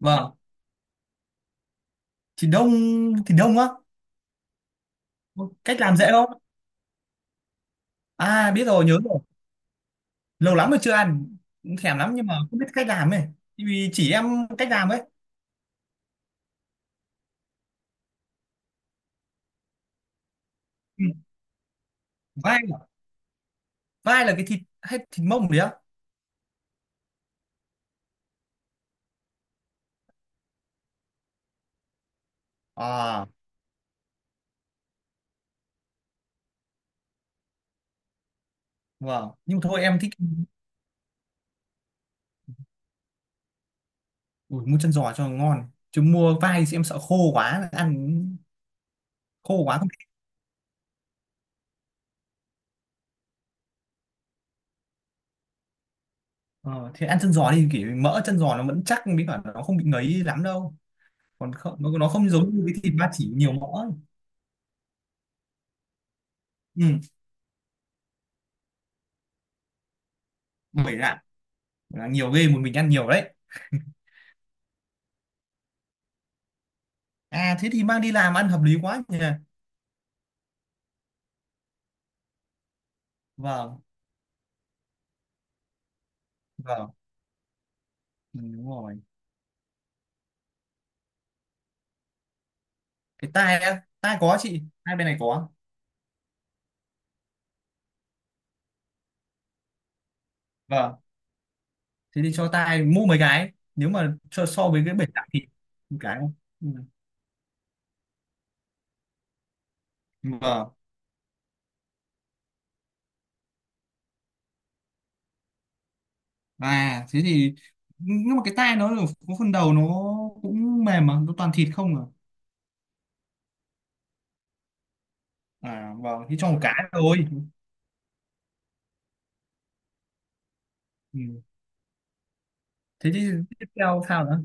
Vâng, thì đông thì đông á. Cách làm dễ không? À biết rồi, nhớ rồi. Lâu lắm rồi chưa ăn, cũng thèm lắm nhưng mà không biết cách làm ấy. Thì vì chỉ em cách làm ấy. Ừ. Vai à? Vai là cái thịt hay thịt mông đấy á? À, vâng. Nhưng mà thôi em thích. Ui, mua chân giò cho ngon. Chứ mua vai thì em sợ khô quá, ăn khô quá không. Ờ, thì ăn chân giò đi kiểu mỡ chân giò nó vẫn chắc với cả nó không bị ngấy lắm đâu. Còn không, nó không giống như cái thịt ba chỉ nhiều mỡ ấy. Ừ, bởi là. Bởi nhiều ghê một mình ăn nhiều đấy. À thế thì mang đi làm ăn hợp lý quá nhỉ. Vâng, vâng, ừ, đúng rồi. Cái tai á, tai có chị, hai bên này có. Vâng, thế thì cho tai mua mấy cái nếu mà cho so với cái bể tạm thì một cái không? Ừ. Vâng. À thế thì nhưng mà cái tai nó là có phần đầu nó cũng mềm mà, nó toàn thịt không à. À vâng, thì cho một cái thôi. Ừ. Thế thì tiếp theo sao nữa?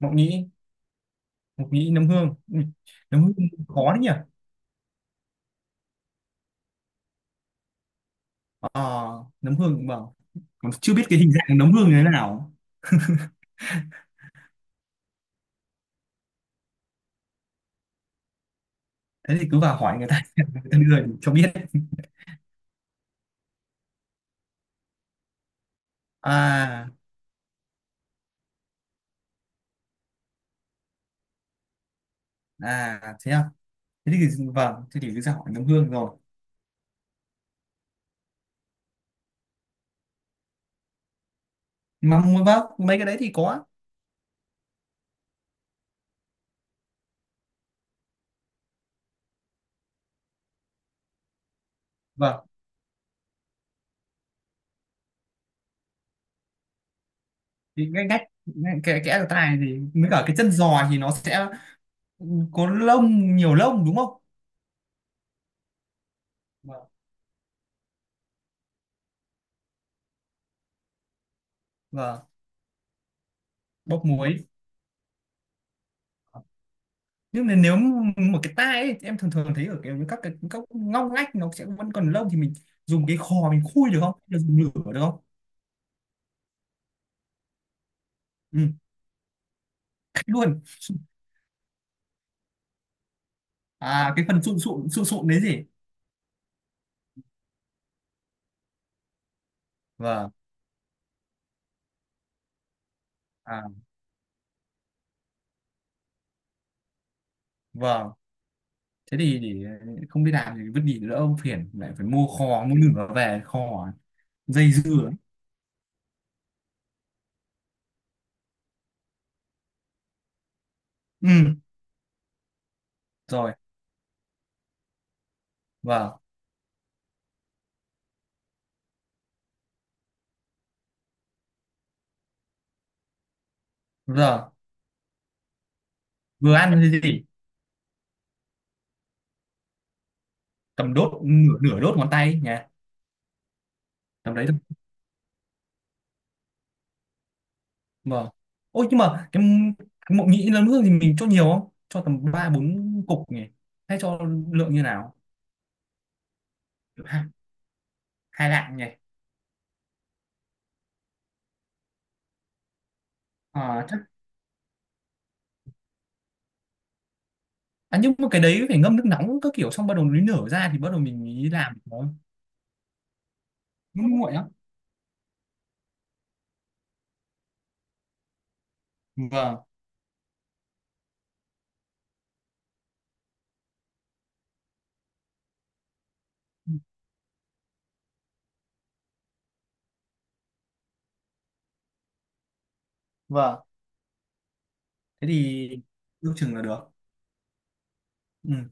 Mộc nhĩ, mộc nhĩ nấm hương. Ừ. Nấm hương khó đấy nhỉ? Ờ, nấm hương vâng còn chưa biết cái hình dạng nấm hương như thế nào. Thế thì cứ vào hỏi người ta người ta đưa thì cho biết. À, à thế à, thế thì vâng, thế thì cứ ra hỏi nấm hương rồi. Vâng mấy cái đấy thì có. Vâng thì ngay ngách, kẽ kẽ ở tai thì mới cả cái chân giò thì nó sẽ có lông, nhiều lông đúng không? Vâng. Vâng, bốc muối. Nhưng mà nếu một cái tai ấy, em thường thường thấy ở cái các ngóc ngách nó sẽ vẫn còn lông thì mình dùng cái khò mình khui được không? Dùng lửa được không? Ừ, cách luôn. À cái phần sụn sụn sụn sụn đấy gì. Vâng. À vâng, thế thì để. Không biết làm thì vứt đi đỡ ông phiền lại phải mua kho mua nửa về kho dây dưa ấy. Ừ rồi. Vâng giờ vừa ăn thì gì. Cầm đốt nửa nửa đốt ngón tay ấy nhá. Tầm đấy thôi. Vâng ôi nhưng mà cái mộc nhĩ lớn nước thì mình cho nhiều không, cho tầm ba bốn cục nhỉ, hay cho lượng như nào? Hai, hai lạng nhỉ. À. À, nhưng mà cái đấy phải ngâm nước nóng các kiểu xong bắt đầu nó nở ra thì bắt đầu mình mới làm nó. Nó nguội á? Vâng. Vâng thế thì ước chừng là được. Ừ.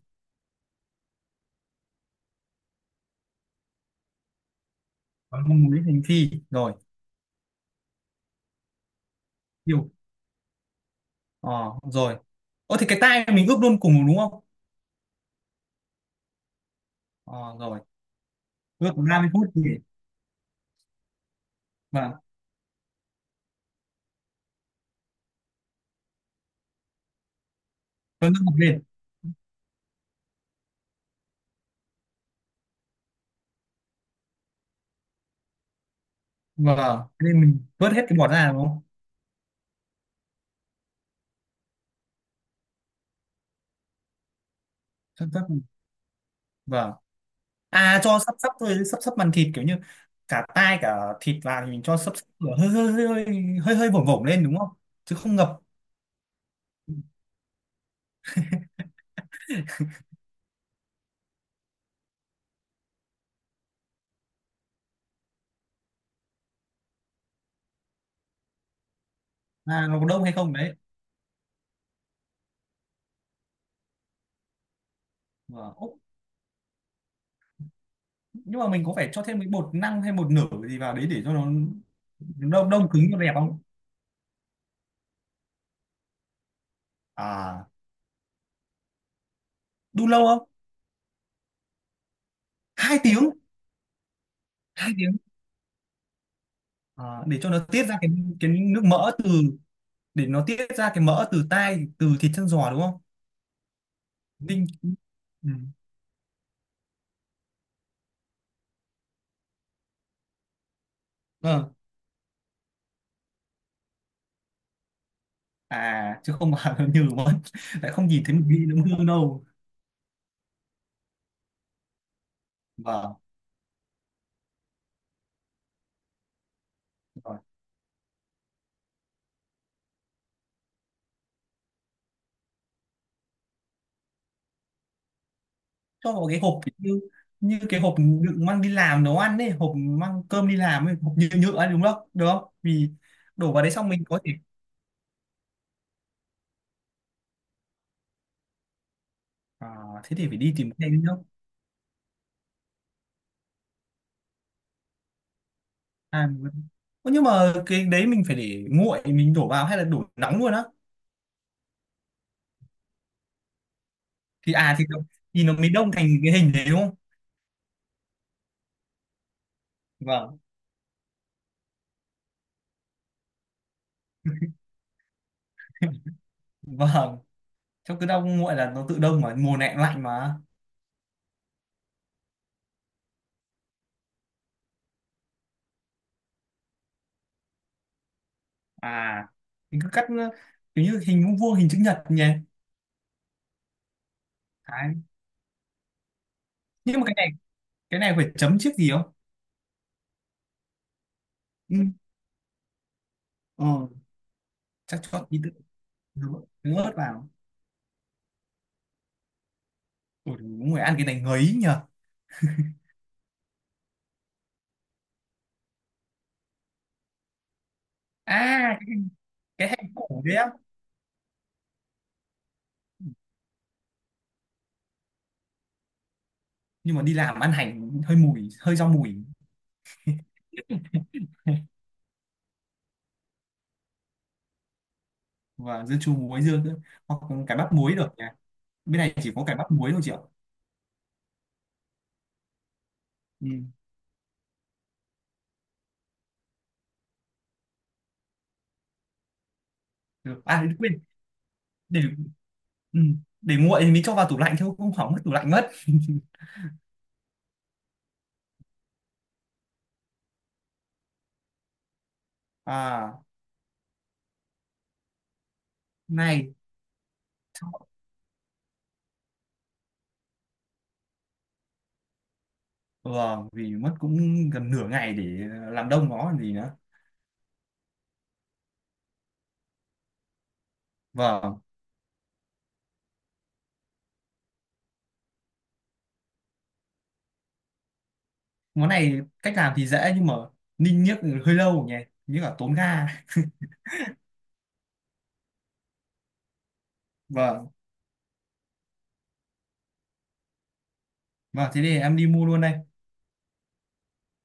Còn mong muối hành phi rồi. Tiêu. Ờ rồi. Ô thì cái tai mình ướp luôn cùng đúng không? Ờ rồi. Ướp khoảng 30 phút thì. Vâng. Cho nước bọt lên. Vâng thế nên mình vớt hết cái bọt ra đúng không? Sắp sắp. Vâng. À cho sắp sắp thôi, sắp sắp màn thịt kiểu như cả tai cả thịt vào thì mình cho sắp sắp lửa hơi hơi hơi hơi hơi vổng vổng lên đúng không? Chứ không ngập. À, nó có đông hay không đấy. Vâng. Ố, nhưng mà mình có phải cho thêm cái bột năng hay bột nở gì vào đấy để cho nó đông đông cứng cho đẹp không? À đun lâu không? Hai tiếng. Hai tiếng. À, để cho nó tiết ra cái nước mỡ từ, để nó tiết ra cái mỡ từ tai từ thịt chân giò đúng không? Ninh. Ừ. Vâng. À chứ không mà nó nhừ mất, lại không nhìn thấy mùi vị nó hương đâu. Vâng. Vâng. Cho vào cái hộp như, như cái hộp đựng mang đi làm nấu ăn ấy, hộp mang cơm đi làm ấy, hộp nhựa nhựa ấy, đúng không được không vì đổ vào đấy xong mình có thể. À, thế thì phải đi tìm cái nữa. À, Ơ, nhưng mà cái đấy mình phải để nguội mình đổ vào hay là đổ nóng luôn á? thì à thì nó- thì nó mới đông thành cái hình đấy đúng không? Vâng. Vâng trong cứ đông nguội là nó tự đông mà mùa này cũng lạnh mà. À mình cứ cắt, ờ, kiểu như hình vuông vuông hình chữ nhật nhỉ. Đấy. Nhưng mà cái này, cái này phải chấm trước gì không? Ừ. Ờ, chắc chót tí tự dứa, dứa ớt vào. Ủa, người ăn cái này ngấy nhờ. À cái hành củ đấy á. Nhưng mà đi làm ăn hành hơi mùi hơi rau mùi. Và dưa chua muối dưa nữa. Hoặc cải bắp muối được nhỉ. Bên này chỉ có cải bắp muối thôi chị ạ. Ừ. Được. À quên, để. Ừ. Để nguội thì mình cho vào tủ lạnh thôi không hỏng mất tủ lạnh mất à này. Vâng vì mất cũng gần nửa ngày để làm đông nó còn gì nữa. Vâng món này cách làm thì dễ nhưng mà ninh niếc hơi lâu nhỉ, như là tốn ga. Vâng, vâng thế thì em đi mua luôn đây.